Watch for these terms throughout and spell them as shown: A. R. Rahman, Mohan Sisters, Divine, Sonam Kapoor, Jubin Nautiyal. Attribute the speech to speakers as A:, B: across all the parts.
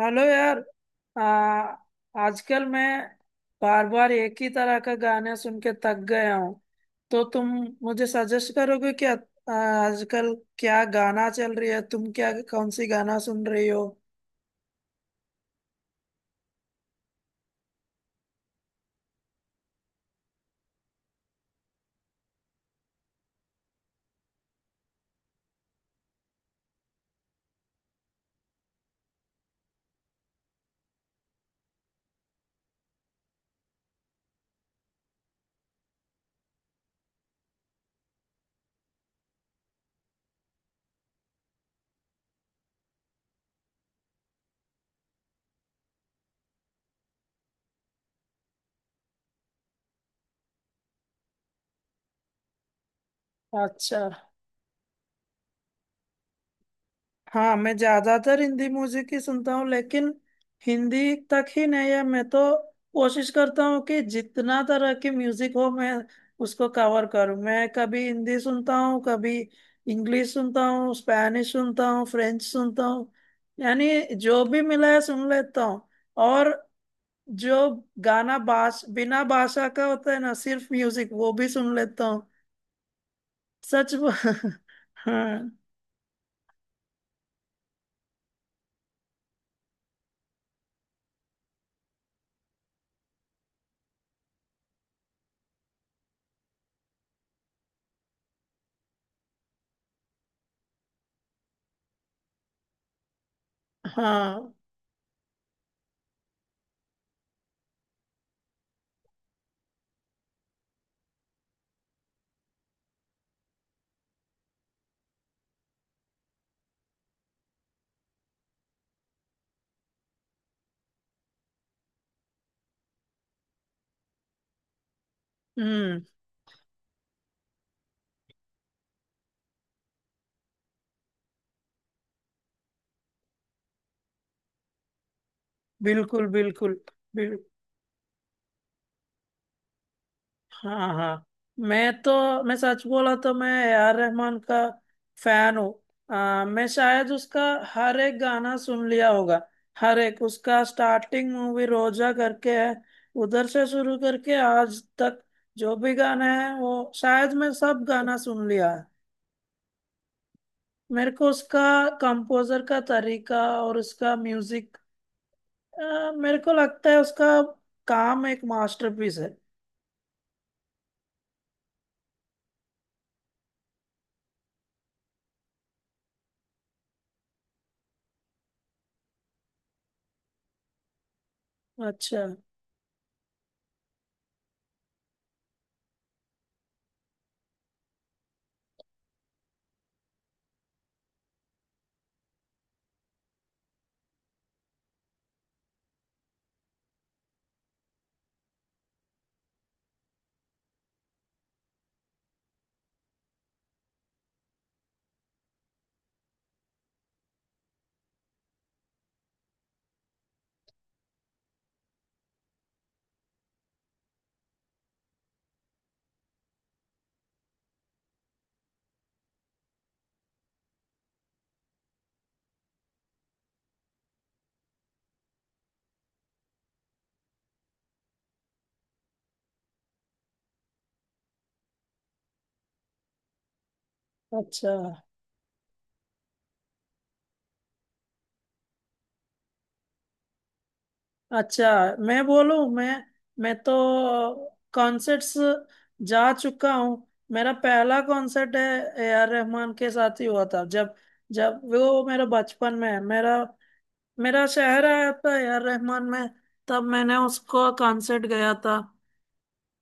A: Hello यार। आ, आजकल मैं बार बार एक ही तरह का गाना सुन के थक गया हूँ। तो तुम मुझे सजेस्ट करोगे क्या? आजकल क्या गाना चल रही है, तुम क्या कौन सी गाना सुन रही हो? अच्छा। हाँ, मैं ज्यादातर हिंदी म्यूजिक ही सुनता हूँ, लेकिन हिंदी तक ही नहीं है। मैं तो कोशिश करता हूँ कि जितना तरह की म्यूजिक हो मैं उसको कवर करूँ। मैं कभी हिंदी सुनता हूँ, कभी इंग्लिश सुनता हूँ, स्पैनिश सुनता हूँ, फ्रेंच सुनता हूँ, यानी जो भी मिला है सुन लेता हूँ। और जो गाना भाष बिना भाषा का होता है ना, सिर्फ म्यूजिक, वो भी सुन लेता हूँ। सच। हाँ। हाँ। हम्म। बिल्कुल बिल्कुल। बिल हाँ हाँ। मैं सच बोला तो मैं ए आर रहमान का फैन हूँ। मैं शायद उसका हर एक गाना सुन लिया होगा। हर एक उसका स्टार्टिंग मूवी रोजा करके है, उधर से शुरू करके आज तक जो भी गाना है वो शायद मैं सब गाना सुन लिया है। मेरे को उसका कंपोजर का तरीका और उसका म्यूजिक, मेरे को लगता है उसका काम एक मास्टरपीस है। अच्छा अच्छा। अच्छा, मैं बोलूं मैं मैं तो कॉन्सर्ट्स जा चुका हूँ। मेरा पहला कॉन्सर्ट है, ए आर रहमान के साथ ही हुआ था। जब जब वो मेरा बचपन में है, मेरा मेरा शहर आया था ए आर रहमान में, तब मैंने उसको कॉन्सर्ट गया था।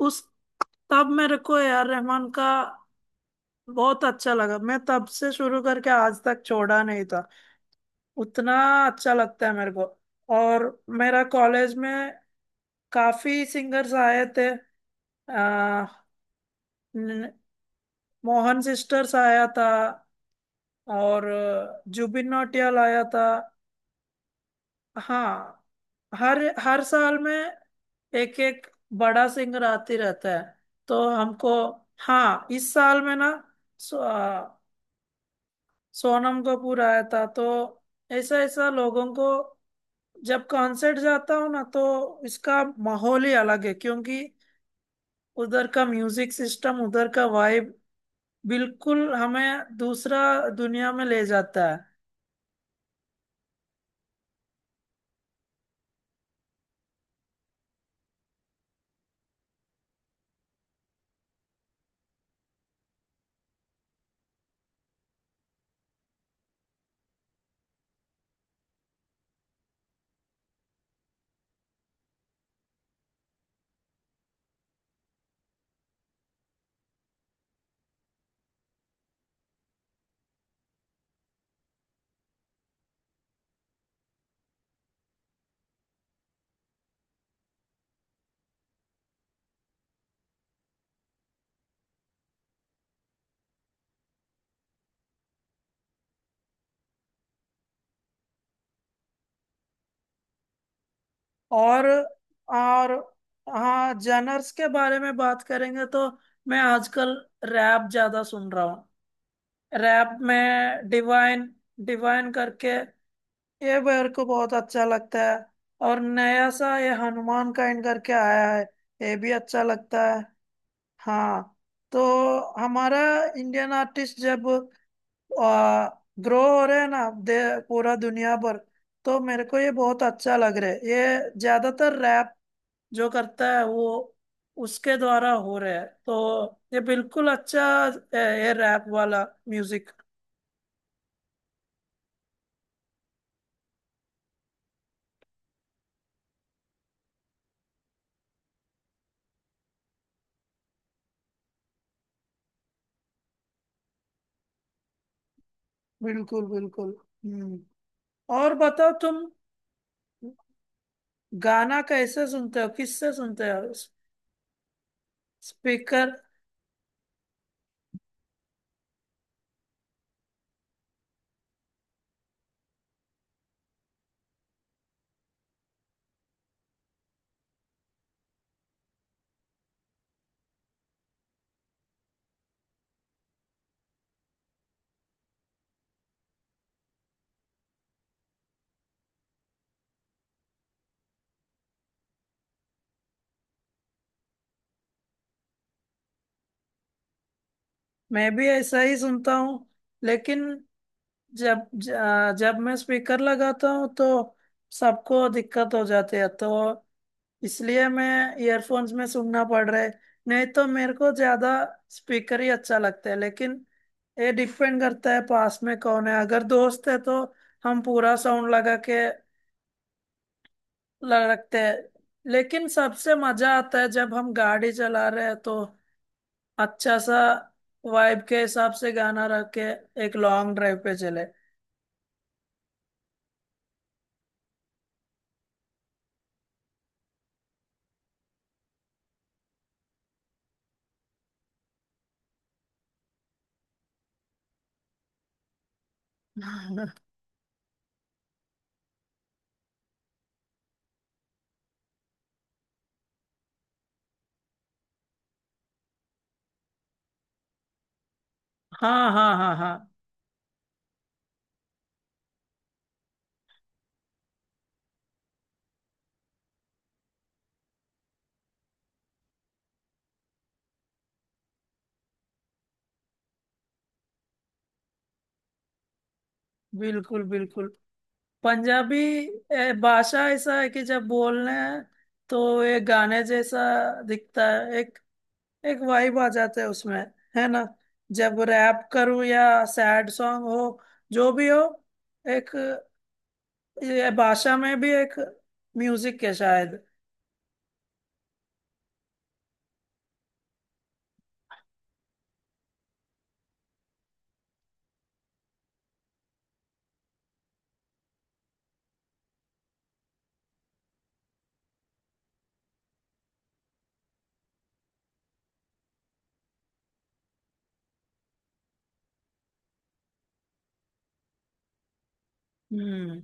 A: उस तब मेरे को ए आर रहमान का बहुत अच्छा लगा, मैं तब से शुरू करके आज तक छोड़ा नहीं था। उतना अच्छा लगता है मेरे को। और मेरा कॉलेज में काफी सिंगर्स आए थे। आ, न- मोहन सिस्टर्स आया था, और जुबिन नौटियाल आया था। हाँ, हर हर साल में एक एक बड़ा सिंगर आते रहता है, तो हमको। हाँ, इस साल में ना, सो, अ, सोनम कपूर आया था। तो ऐसा ऐसा लोगों को, जब कॉन्सर्ट जाता हूँ ना तो इसका माहौल ही अलग है, क्योंकि उधर का म्यूजिक सिस्टम, उधर का वाइब, बिल्कुल हमें दूसरा दुनिया में ले जाता है। और और हाँ, जनर्स के बारे में बात करेंगे तो मैं आजकल रैप ज्यादा सुन रहा हूँ। रैप में डिवाइन, डिवाइन करके, ये मेरे को बहुत अच्छा लगता है। और नया सा ये हनुमान काइंड करके आया है, ये भी अच्छा लगता है। हाँ, तो हमारा इंडियन आर्टिस्ट जब ग्रो हो रहे हैं ना, दे पूरा दुनिया पर, तो मेरे को ये बहुत अच्छा लग रहा है। ये ज्यादातर रैप जो करता है वो उसके द्वारा हो रहा है, तो ये बिल्कुल अच्छा है ये रैप वाला म्यूजिक। बिल्कुल बिल्कुल। हम्म। और बताओ, तुम गाना कैसे सुनते हो, किससे सुनते हो? स्पीकर? मैं भी ऐसा ही सुनता हूँ, लेकिन जब मैं स्पीकर लगाता हूँ तो सबको दिक्कत हो जाती है, तो इसलिए मैं ईयरफोन्स में सुनना पड़ रहा है। नहीं तो मेरे को ज्यादा स्पीकर ही अच्छा लगता है। लेकिन ये डिपेंड करता है पास में कौन है। अगर दोस्त है तो हम पूरा साउंड लगा के रखते हैं। लेकिन सबसे मजा आता है जब हम गाड़ी चला रहे हैं, तो अच्छा सा वाइब के हिसाब से गाना रख के एक लॉन्ग ड्राइव पे चले। हाँ हाँ हाँ हाँ। बिल्कुल बिल्कुल। पंजाबी, भाषा ऐसा है कि जब बोलने हैं तो एक गाने जैसा दिखता है। एक एक वाइब आ जाता है उसमें, है ना? जब रैप करूं या सैड सॉन्ग हो, जो भी हो, एक ये भाषा में भी एक म्यूजिक है शायद। हम्म।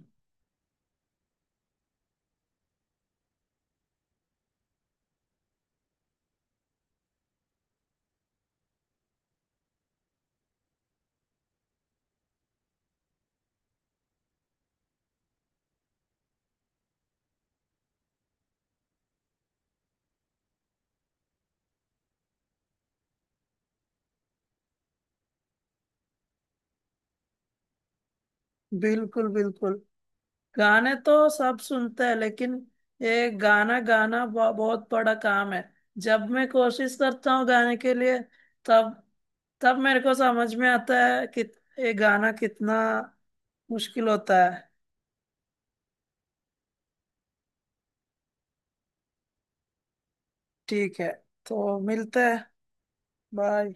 A: बिल्कुल बिल्कुल। गाने तो सब सुनते हैं, लेकिन ये गाना गाना बहुत बड़ा काम है। जब मैं कोशिश करता हूँ गाने के लिए, तब तब मेरे को समझ में आता है कि ये गाना कितना मुश्किल होता है। ठीक है, तो मिलते हैं। बाय।